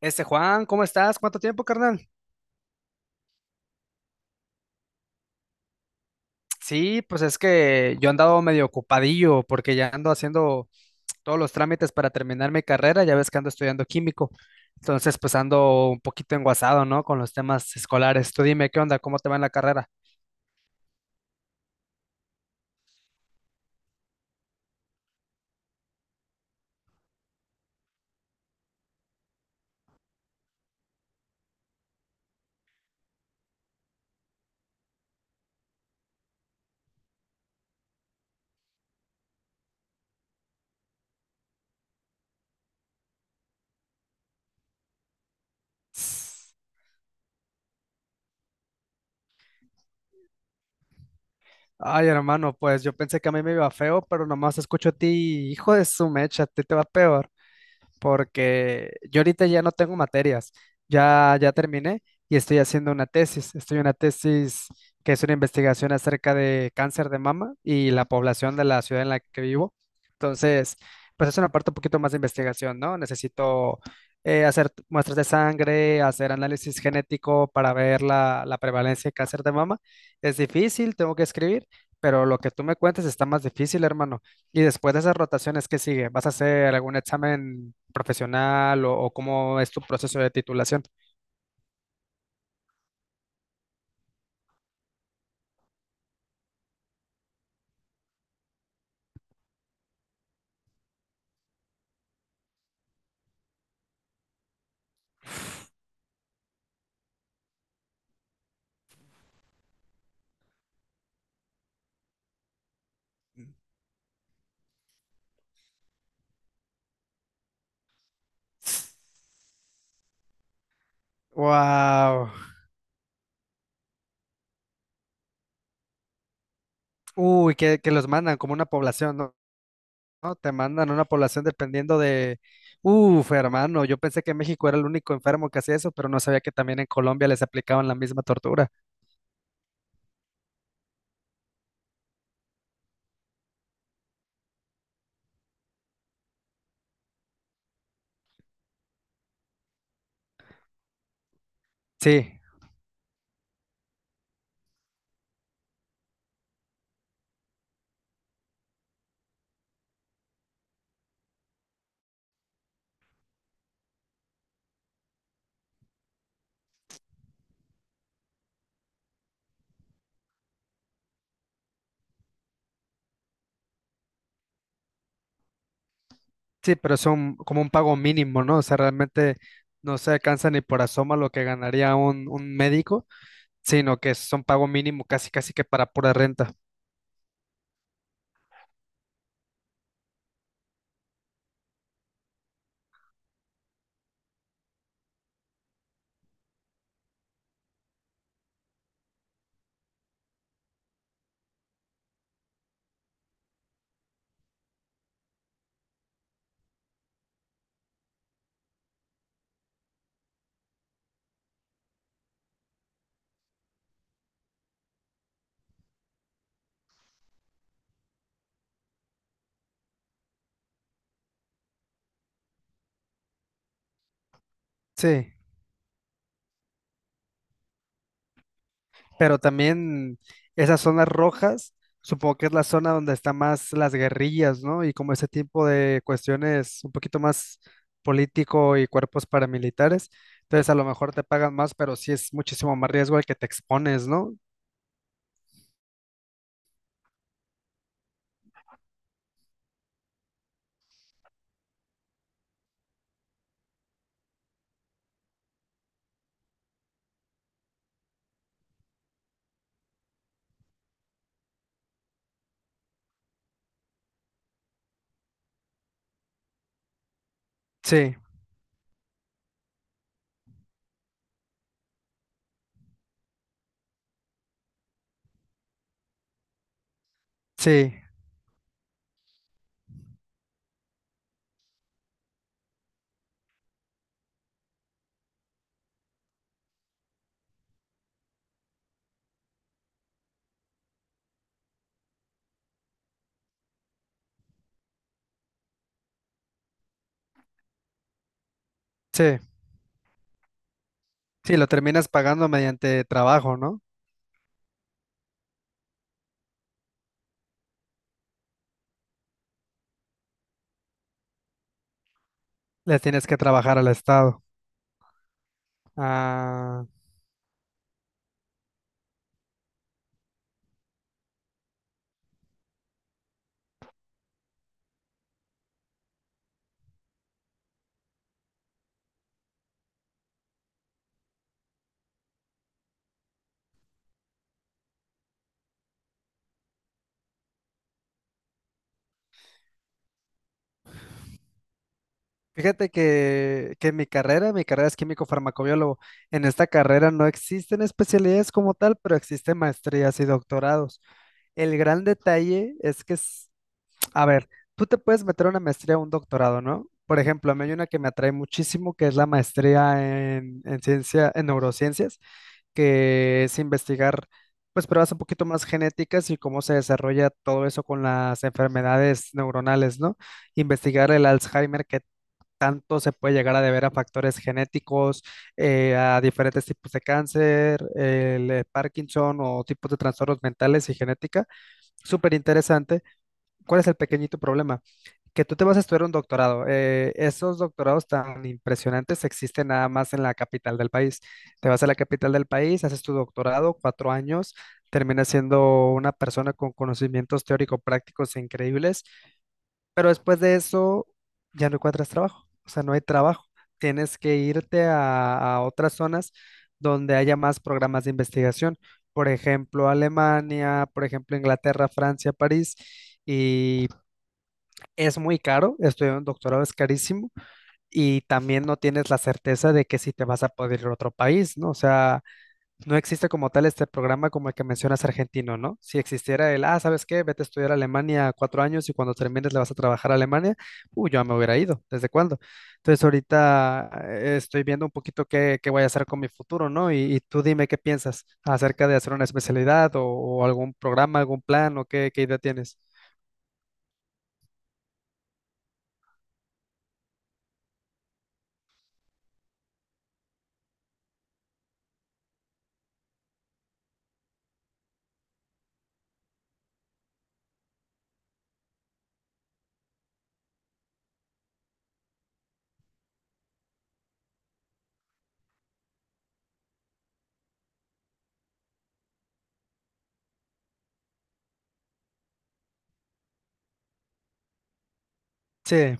Este Juan, ¿cómo estás? ¿Cuánto tiempo, carnal? Sí, pues es que yo he andado medio ocupadillo porque ya ando haciendo todos los trámites para terminar mi carrera, ya ves que ando estudiando químico, entonces pues ando un poquito enguasado, ¿no? Con los temas escolares. Tú dime, ¿qué onda? ¿Cómo te va en la carrera? Ay, hermano, pues yo pensé que a mí me iba feo, pero nomás escucho a ti, hijo de su mecha, a ti te va peor. Porque yo ahorita ya no tengo materias, ya, ya terminé y estoy haciendo una tesis. Estoy en una tesis que es una investigación acerca de cáncer de mama y la población de la ciudad en la que vivo. Entonces, pues es una parte un poquito más de investigación, ¿no? Necesito hacer muestras de sangre, hacer análisis genético para ver la prevalencia de cáncer de mama. Es difícil, tengo que escribir, pero lo que tú me cuentes está más difícil, hermano. Y después de esas rotaciones, ¿qué sigue? ¿Vas a hacer algún examen profesional o cómo es tu proceso de titulación? Wow. Uy, que los mandan como una población, ¿no? ¿No? Te mandan una población dependiendo de... Uf, hermano, yo pensé que México era el único enfermo que hacía eso, pero no sabía que también en Colombia les aplicaban la misma tortura. Sí, sí, pero es un, como un pago mínimo, ¿no? O sea, realmente no se alcanza ni por asoma lo que ganaría un médico, sino que es un pago mínimo casi, casi que para pura renta. Sí, pero también esas zonas rojas, supongo que es la zona donde están más las guerrillas, ¿no? Y como ese tipo de cuestiones un poquito más político y cuerpos paramilitares, entonces a lo mejor te pagan más, pero sí es muchísimo más riesgo al que te expones, ¿no? Sí, sí, sí, sí, lo terminas pagando mediante trabajo, ¿no? Le tienes que trabajar al Estado. Ah, fíjate que mi carrera es químico-farmacobiólogo. En esta carrera no existen especialidades como tal, pero existen maestrías y doctorados. El gran detalle es que, a ver, tú te puedes meter a una maestría o un doctorado, ¿no? Por ejemplo, a mí hay una que me atrae muchísimo, que es la maestría en ciencia, en neurociencias, que es investigar, pues, pruebas un poquito más genéticas y cómo se desarrolla todo eso con las enfermedades neuronales, ¿no? Investigar el Alzheimer, que tanto se puede llegar a deber a factores genéticos, a diferentes tipos de cáncer, el Parkinson o tipos de trastornos mentales y genética. Súper interesante. ¿Cuál es el pequeñito problema? Que tú te vas a estudiar un doctorado. Esos doctorados tan impresionantes existen nada más en la capital del país. Te vas a la capital del país, haces tu doctorado, 4 años, terminas siendo una persona con conocimientos teórico-prácticos increíbles pero después de eso ya no encuentras trabajo, o sea, no hay trabajo. Tienes que irte a otras zonas donde haya más programas de investigación. Por ejemplo, Alemania, por ejemplo, Inglaterra, Francia, París. Y es muy caro, estudiar un doctorado es carísimo y también no tienes la certeza de que si te vas a poder ir a otro país, ¿no? O sea, no existe como tal este programa como el que mencionas argentino, ¿no? Si existiera el, ah, ¿sabes qué? Vete a estudiar a Alemania 4 años y cuando termines le vas a trabajar a Alemania, yo ya me hubiera ido, ¿desde cuándo? Entonces ahorita estoy viendo un poquito qué voy a hacer con mi futuro, ¿no? Y tú dime qué piensas acerca de hacer una especialidad o algún programa, algún plan o qué idea tienes. Sí,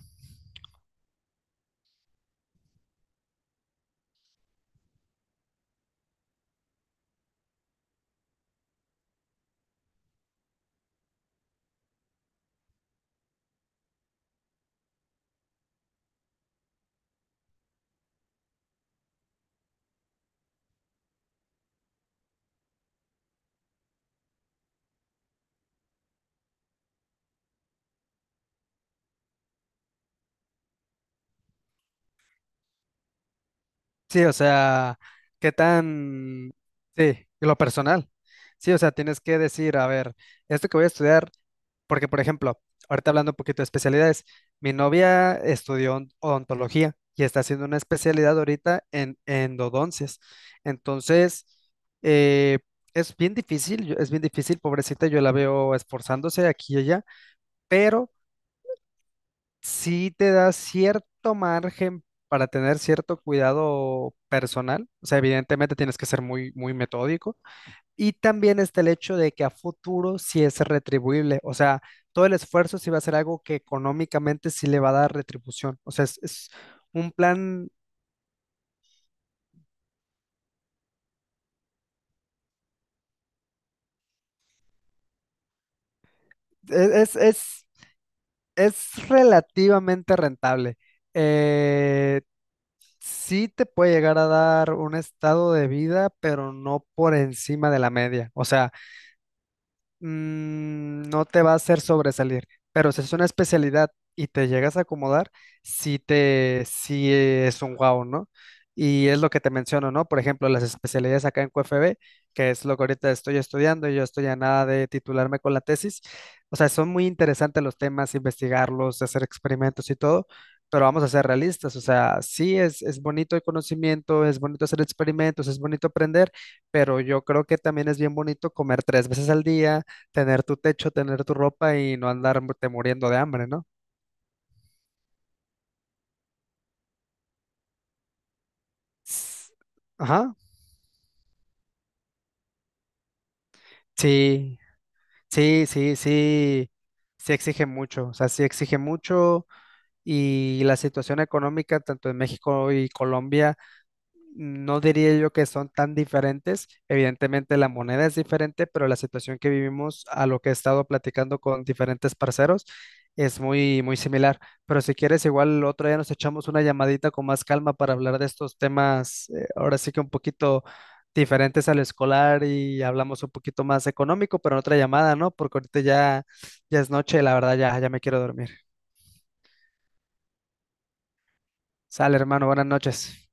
sí, o sea, qué tan, sí, y lo personal. Sí, o sea, tienes que decir, a ver, esto que voy a estudiar. Porque, por ejemplo, ahorita hablando un poquito de especialidades, mi novia estudió odontología y está haciendo una especialidad ahorita en endodoncias. Entonces, eh, es bien difícil, es bien difícil, pobrecita, yo la veo esforzándose aquí y allá, pero sí te da cierto margen para tener cierto cuidado personal. O sea, evidentemente tienes que ser muy, muy metódico y también está el hecho de que a futuro sí es retribuible, o sea, todo el esfuerzo sí va a ser algo que económicamente sí le va a dar retribución, o sea, es un plan, es, es, es- es relativamente rentable. Eh, sí te puede llegar a dar un estado de vida, pero no por encima de la media, o sea no te va a hacer sobresalir, pero si es una especialidad y te llegas a acomodar, sí es un wow, ¿no? Y es lo que te menciono, ¿no? Por ejemplo, las especialidades acá en QFB, que es lo que ahorita estoy estudiando y yo estoy a nada de titularme con la tesis. O sea, son muy interesantes los temas, investigarlos, hacer experimentos y todo, pero vamos a ser realistas. O sea, sí es bonito el conocimiento, es bonito hacer experimentos, es bonito aprender, pero yo creo que también es bien bonito comer 3 veces al día, tener tu techo, tener tu ropa y no andarte muriendo de hambre, ¿no? S- Ajá. Sí, sí, sí, sí, sí exige mucho, o sea, sí exige mucho y la situación económica tanto en México y Colombia. No diría yo que son tan diferentes. Evidentemente la moneda es diferente, pero la situación que vivimos a lo que he estado platicando con diferentes parceros es muy, muy similar. Pero si quieres, igual otro día nos echamos una llamadita con más calma para hablar de estos temas, ahora sí que un poquito diferentes al escolar y hablamos un poquito más económico, pero en otra llamada, ¿no? Porque ahorita ya, ya es noche, la verdad ya, ya me quiero dormir. Sale, hermano, buenas noches.